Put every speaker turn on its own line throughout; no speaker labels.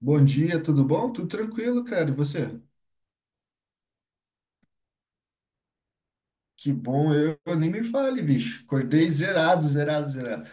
Bom dia, tudo bom? Tudo tranquilo, cara. E você? Que bom, eu nem me fale, bicho. Acordei zerado, zerado, zerado.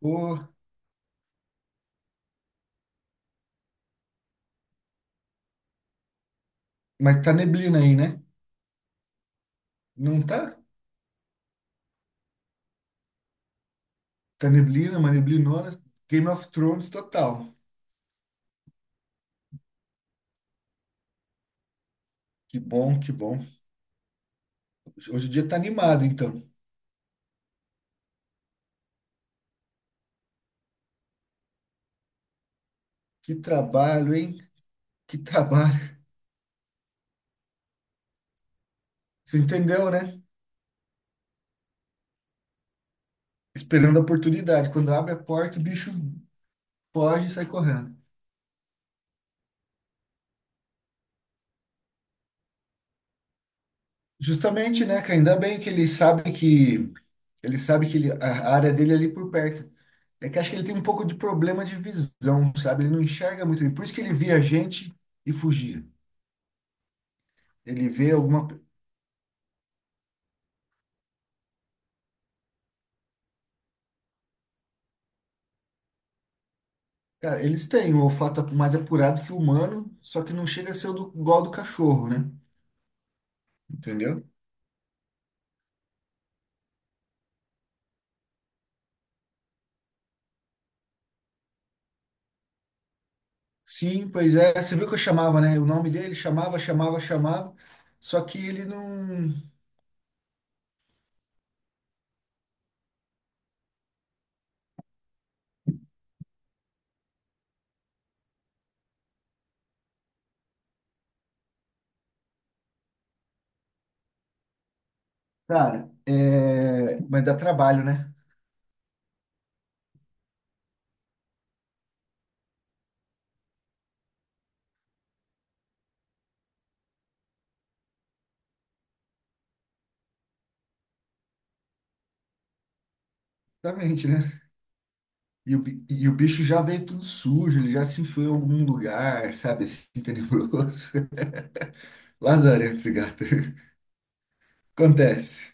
Ô, mas tá neblina aí, né? Não tá? Tá neblina, uma neblinona. Game of Thrones total. Que bom, que bom. Hoje o dia tá animado, então. Que trabalho, hein? Que trabalho. Você entendeu, né? Esperando a oportunidade. Quando abre a porta, o bicho foge e sai correndo. Justamente, né, cara? Ainda bem que ele sabe que a área dele é ali por perto. É que acho que ele tem um pouco de problema de visão, sabe? Ele não enxerga muito bem. Por isso que ele via gente e fugia. Ele vê alguma. Cara, eles têm o olfato é mais apurado que o humano, só que não chega a ser o do, igual ao do cachorro, né? Entendeu? Sim, pois é. Você viu que eu chamava, né? O nome dele chamava, chamava, chamava. Só que ele não. Cara, é. Mas dá trabalho, né? Exatamente, né? E o bicho já veio tudo sujo, ele já se enfiou em algum lugar, sabe, assim, tenebroso. Lazarento esse gato. Acontece.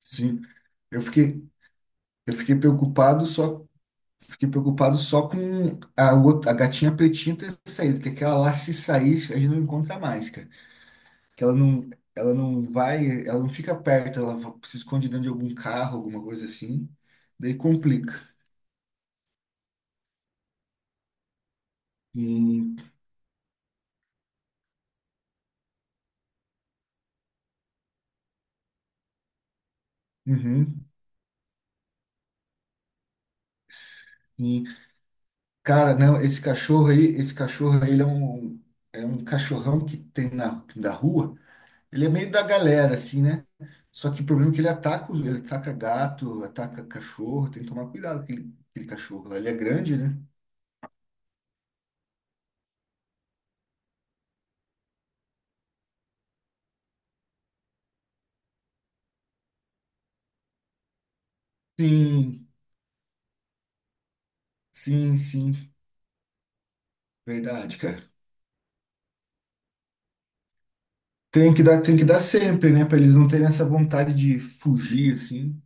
Sim. Eu fiquei, eu fiquei preocupado só, fiquei preocupado só com a outra, a gatinha pretinha ter saído, que aquela lá se sair, a gente não encontra mais, cara. Que ela não vai, ela não fica perto, se esconde dentro de algum carro, alguma coisa assim. Daí complica. E, uhum. Sim. Cara, não, esse cachorro aí, ele é um cachorrão que tem na, da rua. Ele é meio da galera, assim, né? Só que o problema é que ele ataca gato, ataca cachorro, tem que tomar cuidado com aquele cachorro lá. Ele é grande, né? Sim, sim, sim. Verdade, cara. Tem que dar sempre, né? Pra eles não terem essa vontade de fugir, assim,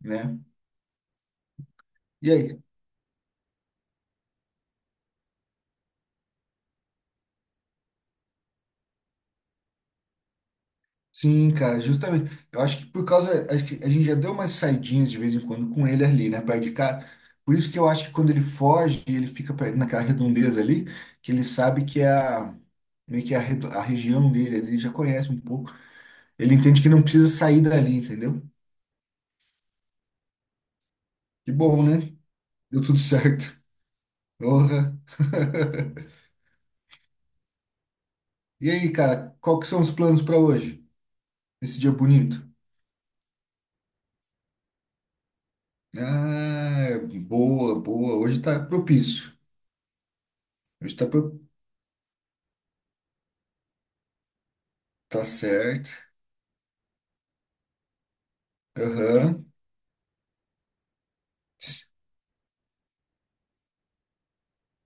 né? E aí, sim, cara, justamente. Eu acho que por causa. Acho que a gente já deu umas saidinhas de vez em quando com ele ali, né, perto de cá. Por isso que eu acho que quando ele foge, naquela redondeza ali, que ele sabe que é a. Meio que a região dele, ele já conhece um pouco. Ele entende que não precisa sair dali, entendeu? Que bom, né? Deu tudo certo. Porra. E aí, cara, qual que são os planos para hoje? Esse dia bonito? Ah, boa, boa. Hoje tá propício. Hoje tá, pro... tá certo. Aham.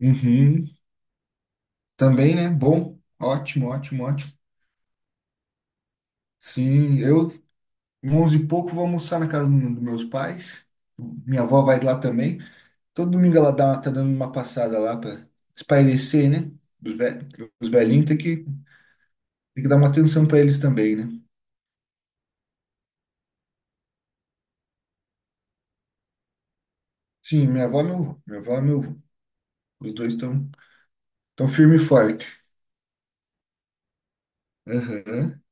Uhum. Também, né? Bom. Ótimo, ótimo, ótimo. Sim, eu, onze e pouco, vou almoçar na casa dos meus pais. Minha avó vai lá também. Todo domingo ela dá, tá dando uma passada lá para espairecer, né? Os, ve os velhinhos tem que dar uma atenção para eles também, né? Sim, minha avó e meu avô. Minha avó e meu avô. Os dois estão tão firme e forte. Aham.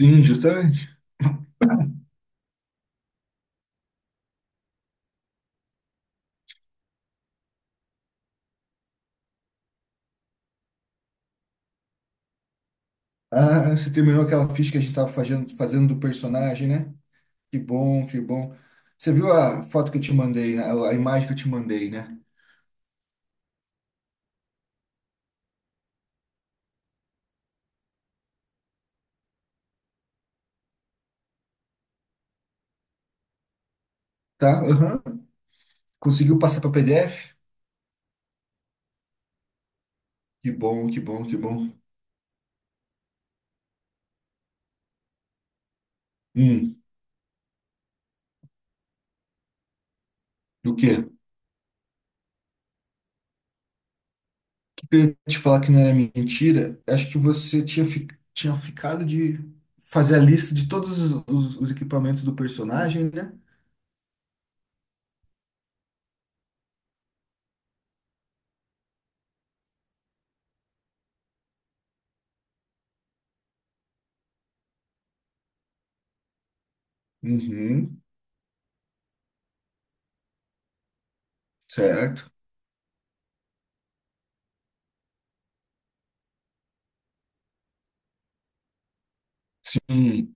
Sim, justamente. Ah, você terminou aquela ficha que a gente tava fazendo do personagem, né? Que bom, que bom. Você viu a foto que eu te mandei, né? A imagem que eu te mandei, né? Tá? Aham. Conseguiu passar para PDF? Que bom, que bom, que bom. Hum, o quê? O que eu ia te falar que não era mentira? Acho que você tinha ficado de fazer a lista de todos os equipamentos do personagem, né? Uhum, certo. Hum.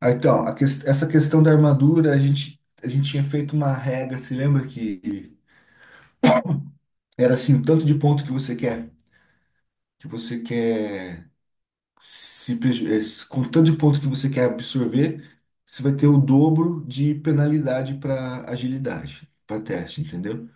Ah, então, essa questão da armadura, a gente tinha feito uma regra, se lembra que era assim, o tanto de ponto que você quer? Que você quer se preju- eh, se- com o tanto de ponto que você quer absorver, você vai ter o dobro de penalidade para agilidade, para teste, entendeu?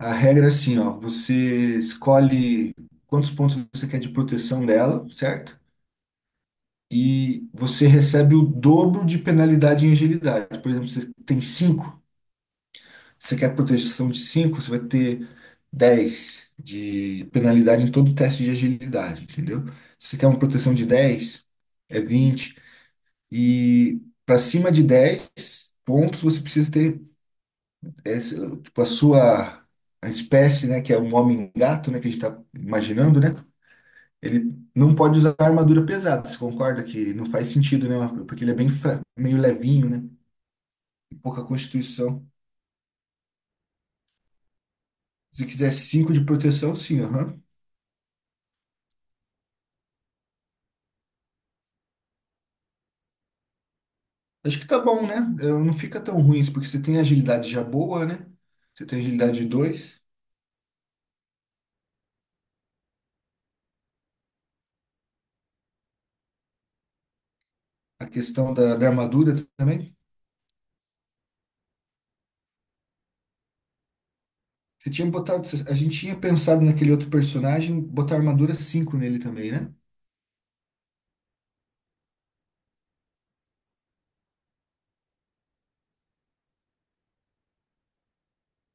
A regra é assim, ó, você escolhe quantos pontos você quer de proteção dela, certo? E você recebe o dobro de penalidade em agilidade. Por exemplo, você tem cinco. Você quer proteção de cinco, você vai ter 10 de penalidade em todo teste de agilidade, entendeu? Se você quer uma proteção de 10 é 20. E para cima de 10 pontos, você precisa ter tipo, a espécie, né, que é um homem-gato, né, que a gente está imaginando, né? Ele não pode usar armadura pesada. Você concorda que não faz sentido, né? Porque ele é bem meio levinho, né? Pouca constituição. Se quiser 5 de proteção, sim, aham. Acho que tá bom, né? Não fica tão ruim isso, porque você tem agilidade já boa, né? Você tem agilidade dois. A questão da armadura também. Você tinha botado, a gente tinha pensado naquele outro personagem, botar armadura cinco nele também, né?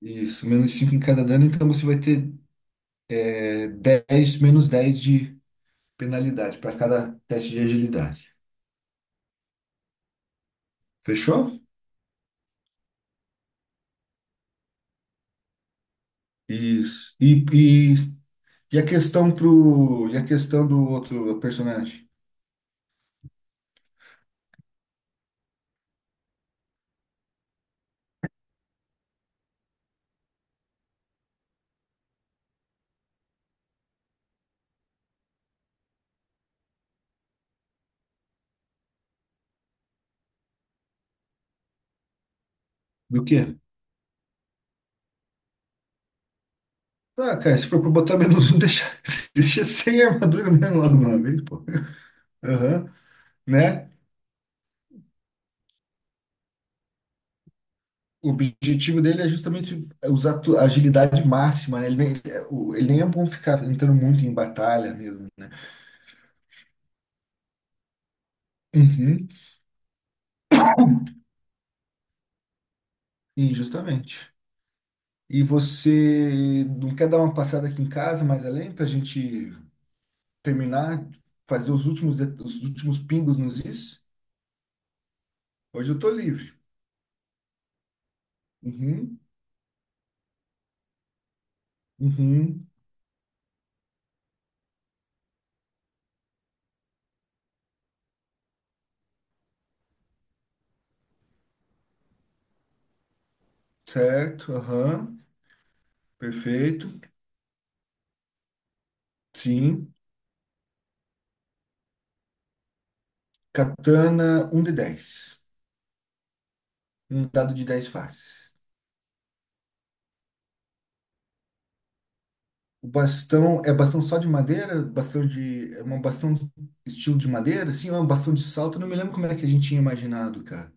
Isso, menos 5 em cada dano, então você vai ter 10, menos 10 de penalidade para cada teste de agilidade. Fechou? Isso. E a questão do outro personagem? Do quê? Ah, cara, se for pra botar menos um, deixa, deixa sem armadura mesmo logo de uma vez, pô. Aham, né? O objetivo dele é justamente usar a agilidade máxima, né? Ele nem é bom ficar entrando muito em batalha mesmo. Uhum, sim, justamente. E você não quer dar uma passada aqui em casa mais além pra gente terminar, fazer os últimos pingos nos is? Hoje eu tô livre. Uhum, uhum, certo, aham, perfeito. Sim. Katana, um de 10. Um dado de 10 faces. O bastão é bastão só de madeira? Bastão de. É um bastão do estilo de madeira? Sim, é um bastão de salto. Eu não me lembro como é que a gente tinha imaginado, cara.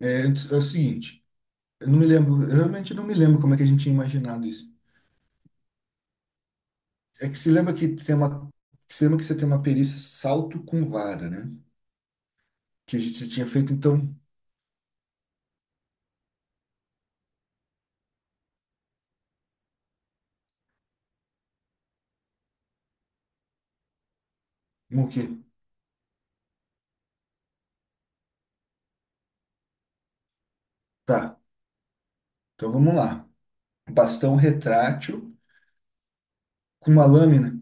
É o seguinte, eu não me lembro, eu realmente não me lembro como é que a gente tinha imaginado isso. É que se lembra que tem uma. Se lembra que você tem uma perícia salto com vara, né? Que a gente tinha feito, então. O quê? Tá. Então vamos lá. Bastão retrátil com uma lâmina.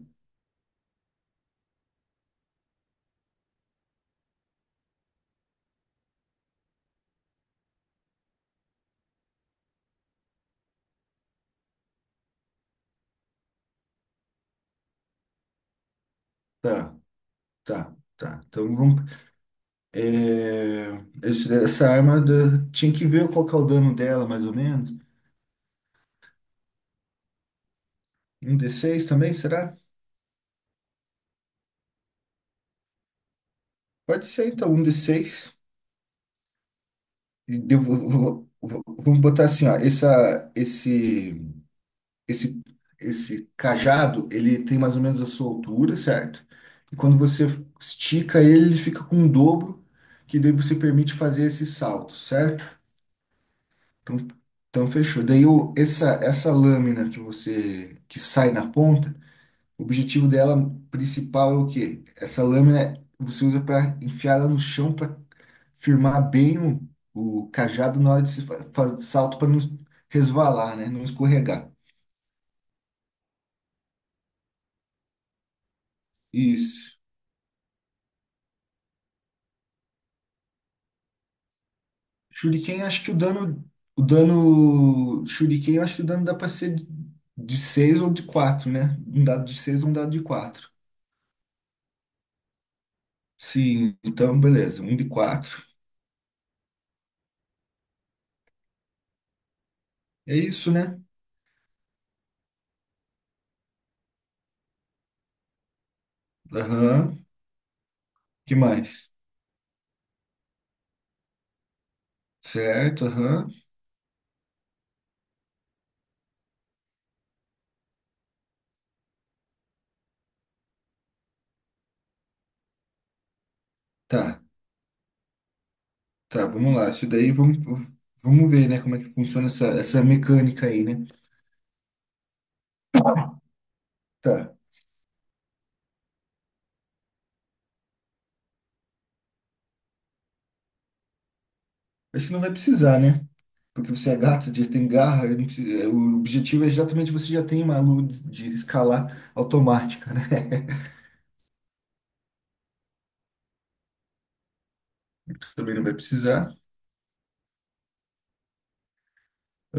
Tá, tá, tá. Então vamos... É, Tinha que ver qual que é o dano dela, mais ou menos. Um d seis também, será? Pode ser, então, um d seis. E vamos botar assim, ó. Esse, esse cajado, ele tem mais ou menos a sua altura, certo? E quando você estica ele, ele fica com um dobro, que daí você permite fazer esse salto, certo? Então, então fechou. Daí essa lâmina que você que sai na ponta. O objetivo dela principal é o quê? Essa lâmina você usa para enfiar ela no chão para firmar bem o cajado na hora de se salto para não resvalar, né? Não escorregar. Isso. Shuriken, acho que o dano Shuriken, eu acho que o dano dá para ser de 6 ou de quatro, né? Um dado de 6 ou um dado de quatro. Sim, então beleza, um de quatro. É isso, né? Aham. Que mais? Certo, aham. Tá. Tá, vamos lá. Isso daí vamos ver, né, como é que funciona essa mecânica aí, né? Tá. Acho que não vai precisar, né? Porque você é gato, você já tem garra, eu não preciso- é, o objetivo é exatamente você já tem uma luz de escalar automática, né? Também não vai precisar.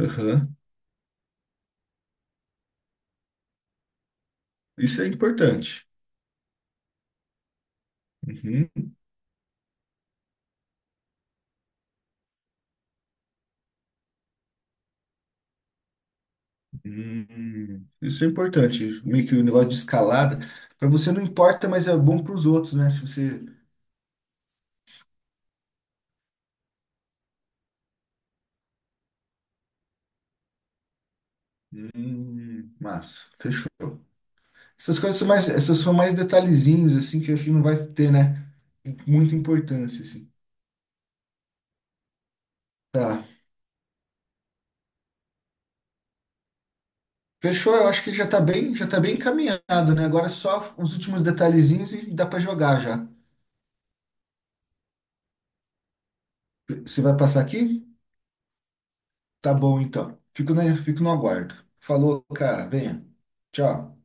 Aham. Isso é importante. Uhum. Isso é importante. Meio que o negócio de escalada, para você não importa, mas é bom para os outros, né? Se você. Massa, fechou. Essas coisas são mais, essas são mais detalhezinhos, assim, que eu acho que não vai ter, né? Muita importância, assim. Tá. Fechou, eu acho que já tá bem encaminhado, né? Agora é só os últimos detalhezinhos e dá pra jogar já. Você vai passar aqui? Tá bom, então. Fico, né? Fico no aguardo. Falou, cara. Venha. Tchau.